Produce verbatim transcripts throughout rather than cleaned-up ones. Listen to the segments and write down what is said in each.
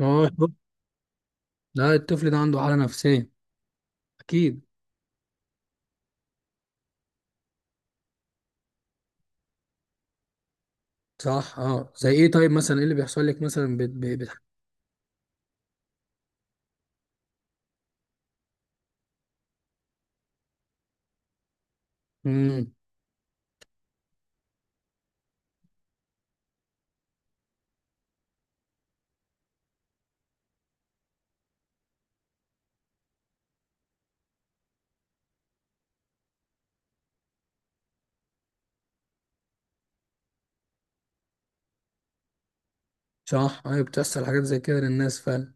اه. لا، الطفل ده عنده حالة نفسية. أكيد. صح، اه، زي إيه؟ طيب مثلا، إيه اللي بيحصل لك مثلا؟ بت... بت... بت... مم. صح، أيوة، بتحصل حاجات زي كده للناس فعلا.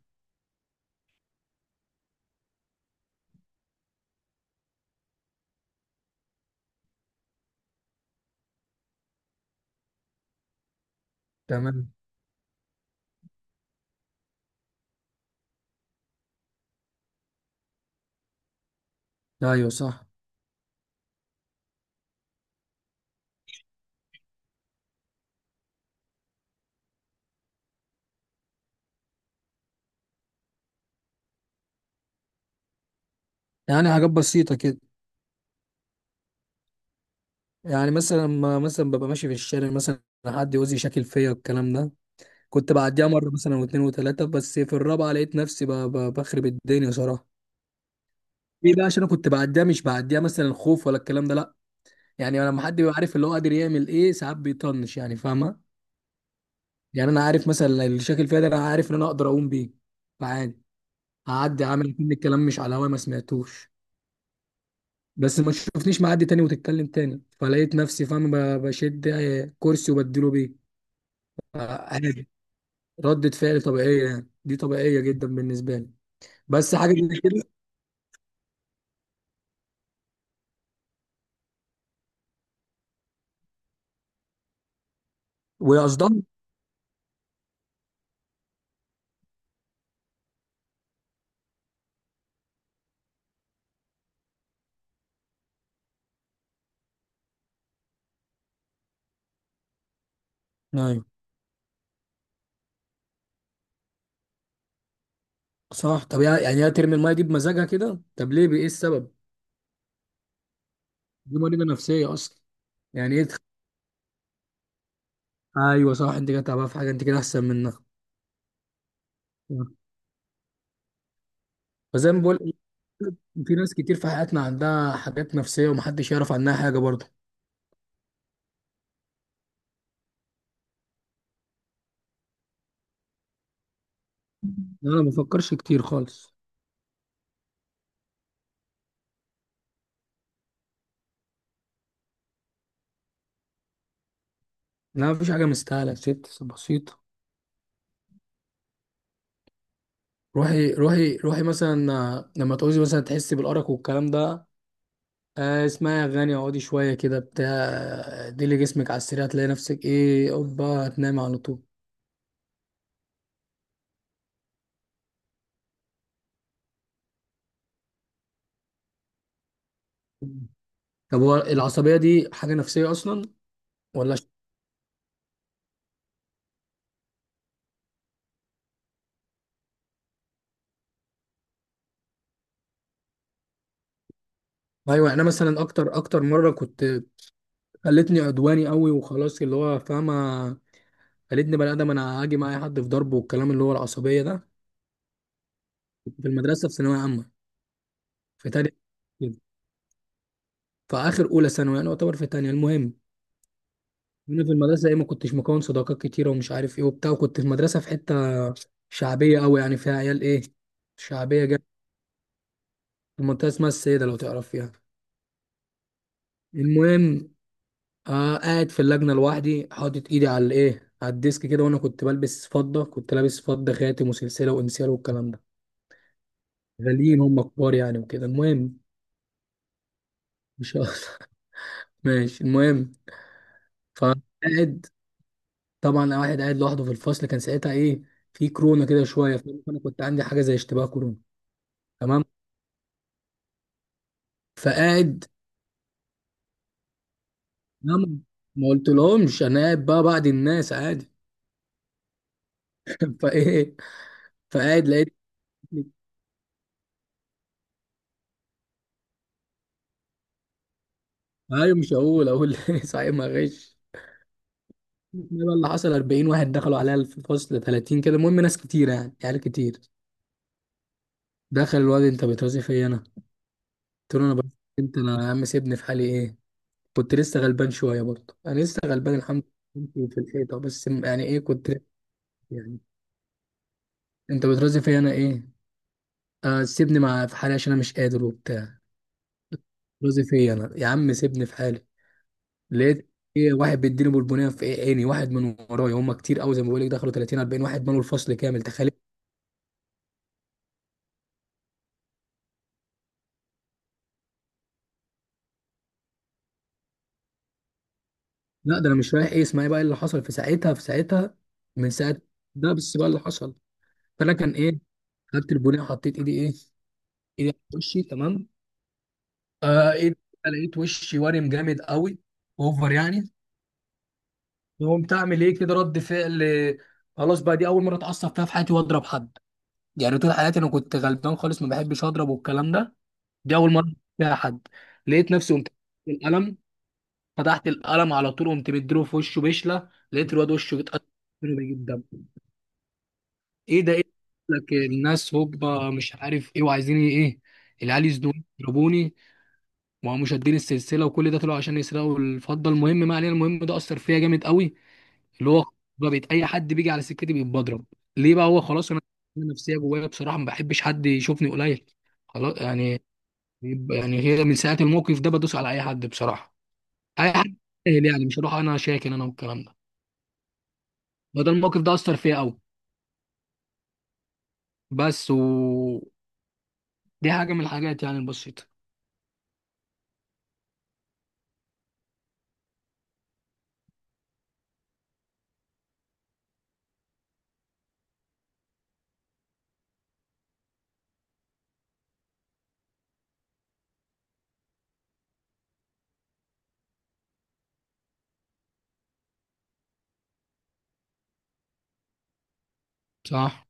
تمام. أيوة صح. يعني حاجات بسيطة كده. يعني مثلا، ما مثلا ببقى ماشي في الشارع مثلا حد يوزي شكل فيا والكلام ده. كنت بعديها مرة مثلا، واتنين وتلاتة، بس في الرابعة لقيت نفسي ب... ب... بخرب الدنيا صراحة. ليه بقى؟ عشان انا كنت بعديها، مش بعديها مثلا خوف ولا الكلام ده، لا. يعني لما حد بيبقى عارف اللي هو قادر يعمل ايه، ساعات بيطنش، يعني فاهمة؟ يعني انا عارف مثلا الشكل فيها ده، انا عارف ان انا اقدر اقوم بيه، فعادي. هعدي عامل كل الكلام مش على هواي، ما سمعتوش. بس ما تشوفنيش معدي تاني وتتكلم تاني، فلقيت نفسي فاهم ب- بشد كرسي وبديله بيه. عادي. ردة فعل طبيعية، يعني دي طبيعية جدا بالنسبة لي. بس حاجة زي كده. وقصدها؟ ايوه صح. طب يع- يعني هي ترمي المية دي بمزاجها كده، طب ليه؟ ايه السبب؟ دي مريضة نفسية اصلا. يعني ايه تخ- ايوه صح، انت كده تعبانة في حاجة، انت كده احسن منها. مم. فزي ما بقول، في ناس كتير في حياتنا عندها حاجات نفسية ومحدش يعرف عنها حاجة برضه. أنا ما بفكرش كتير خالص. لا، مفيش حاجة مستاهلة، ست بسيطة. روحي روحي روحي مثلا، آه، لما تعوزي مثلا تحسي بالأرق والكلام ده، آه، اسمعي أغاني، اقعدي شوية كده بتاع، آه، ديلي جسمك على السريع، هتلاقي نفسك إيه، أوبا، هتنامي على طول. طب هو العصبية دي حاجة نفسية أصلا؟ ولا ش- أيوة. أنا مثلا أكتر أكتر مرة كنت، خلتني عدواني قوي وخلاص، اللي هو فاهمة؟ خلتني بني ادم، انا هاجي معايا حد في ضربه والكلام، اللي هو العصبيه ده. كنت في المدرسه، في ثانويه عامه، في تانية كده، في اخر اولى ثانوي، يعني يعتبر في تانية. المهم، انا في المدرسه، ايه، ما كنتش مكون صداقات كتيره ومش عارف ايه وبتاع، وكنت في مدرسه في حته شعبيه قوي، يعني فيها عيال ايه، شعبيه جدا. في منطقه اسمها السيده، لو تعرف فيها. المهم، آه، قاعد في اللجنه لوحدي، حاطط ايدي على الايه، على الديسك كده، وانا كنت بلبس فضه، كنت لابس فضه، خاتم وسلسله وانسيال والكلام ده، غاليين، هم كبار يعني، وكده. المهم، مش ماشي. المهم، فقاعد. طبعا أنا واحد قاعد لوحده في الفصل، كان ساعتها ايه، في كورونا كده شويه، فانا كنت عندي حاجه زي اشتباه كورونا. تمام. فقاعد، نعم، ما قلتلهمش، انا قاعد بقى بعد الناس عادي فايه، فقاعد لقيت، ايوه مش هقول، اقول إيه، صحيح ما غش. إيه بقى اللي حصل؟ أربعين واحد دخلوا عليا في الفصل، ثلاثين كده، المهم ناس كتير يعني، عيال كتير. دخل الواد، انت بترازي فيا انا؟ قلت له، انا بس، انت انا؟ يا عم سيبني في حالي، ايه، كنت لسه غلبان شويه برضه، انا لسه غلبان الحمد لله في الحيطه، بس م- يعني ايه كنت، يعني انت بترازي فيا انا ايه؟ آه سيبني مع في حالي عشان انا مش قادر وبتاع، بترازي فيا انا، يا عم سيبني في حالي. لقيت ايه؟ واحد بيديني بالبنيه في إيه، عيني، واحد من ورايا، هم كتير قوي زي ما بقول لك، دخلوا تلاتين، أربعين واحد، مالوا الفصل كامل، تخيل. لا، ده انا مش رايح، ايه، اسمعي بقى اللي حصل في ساعتها، في ساعتها، من ساعه، ده بس بقى اللي حصل. فانا كان ايه، خدت البنيه، حطيت ايدي ايه، ايدي على وشي، تمام. آه، ايه ده؟ لقيت وشي وارم جامد قوي، اوفر يعني. قمت اعمل ايه كده رد فعل، آه، خلاص بقى، دي اول مره اتعصب فيها في حياتي واضرب حد. يعني طول حياتي انا كنت غلبان خالص، ما بحبش اضرب والكلام ده. دي اول مره فيها حد. لقيت نفسي قمت، القلم، فتحت القلم على طول، قمت مديله في وشه بشله، لقيت الواد وشه اتقطع منه بيجيب دم. ايه ده، ايه ده؟ لك الناس هوبا، مش عارف ايه وعايزين ايه، العيال يزنوني يضربوني، ما هو مشادين السلسله وكل ده، طلعوا عشان يسرقوا الفضه. المهم ما علينا. المهم ده اثر فيا جامد قوي، اللي هو، بقى بقيت اي حد بيجي على سكتي بيبقى بضرب. ليه بقى؟ هو خلاص انا، أنا نفسيه جوايا بصراحه ما بحبش حد يشوفني قليل، خلاص يعني. بيبقى- يعني هي من ساعه الموقف ده بدوس على اي حد بصراحه، اي حد، سهل يعني، مش هروح انا شاكن انا والكلام ده. فده الموقف ده اثر فيا قوي. بس، و دي حاجه من الحاجات يعني البسيطه. صح،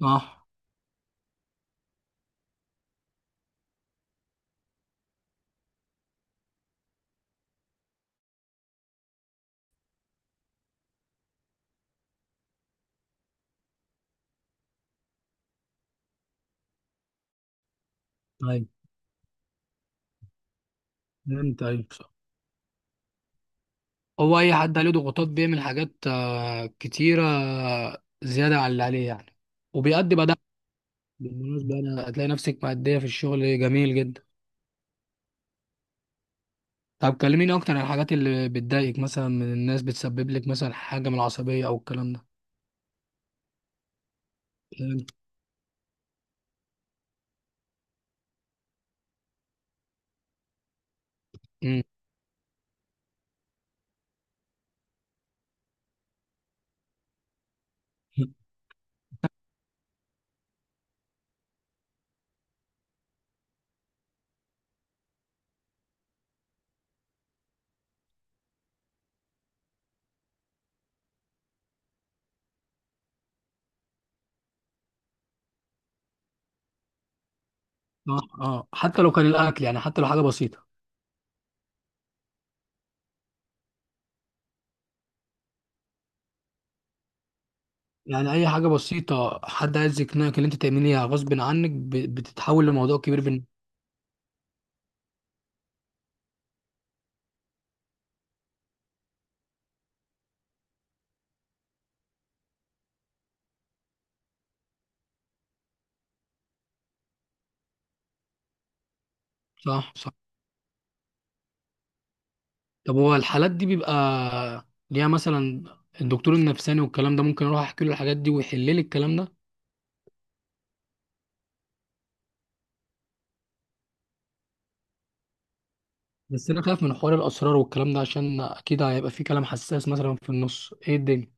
صح. طيب، انت طيب؟ هو اي حد عليه ضغوطات بيعمل حاجات آه، كتيره، آه، زياده عن اللي عليه يعني، وبيأدي بقى ده. بالمناسبه انا هتلاقي نفسك مأديه في الشغل جميل جدا. طب كلميني اكتر عن الحاجات اللي بتضايقك مثلا من الناس، بتسبب لك مثلا حاجه من العصبيه او الكلام ده. امم اه، اه، حتى لو كان الاكل، يعني حتى لو حاجه بسيطه. يعني اي حاجه بسيطه حد عايز يقنعك ان انت تعمليها غصب عنك ب- بتتحول لموضوع كبير بالنسبه. صح، صح. طب هو الحالات دي بيبقى ليها مثلا الدكتور النفساني والكلام ده، ممكن اروح احكي له الحاجات دي ويحل لي الكلام ده؟ بس انا خايف من حوار الاسرار والكلام ده عشان اكيد هيبقى في كلام حساس مثلا في النص، ايه الدنيا.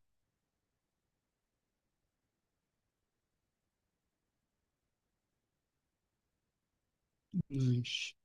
ماشي.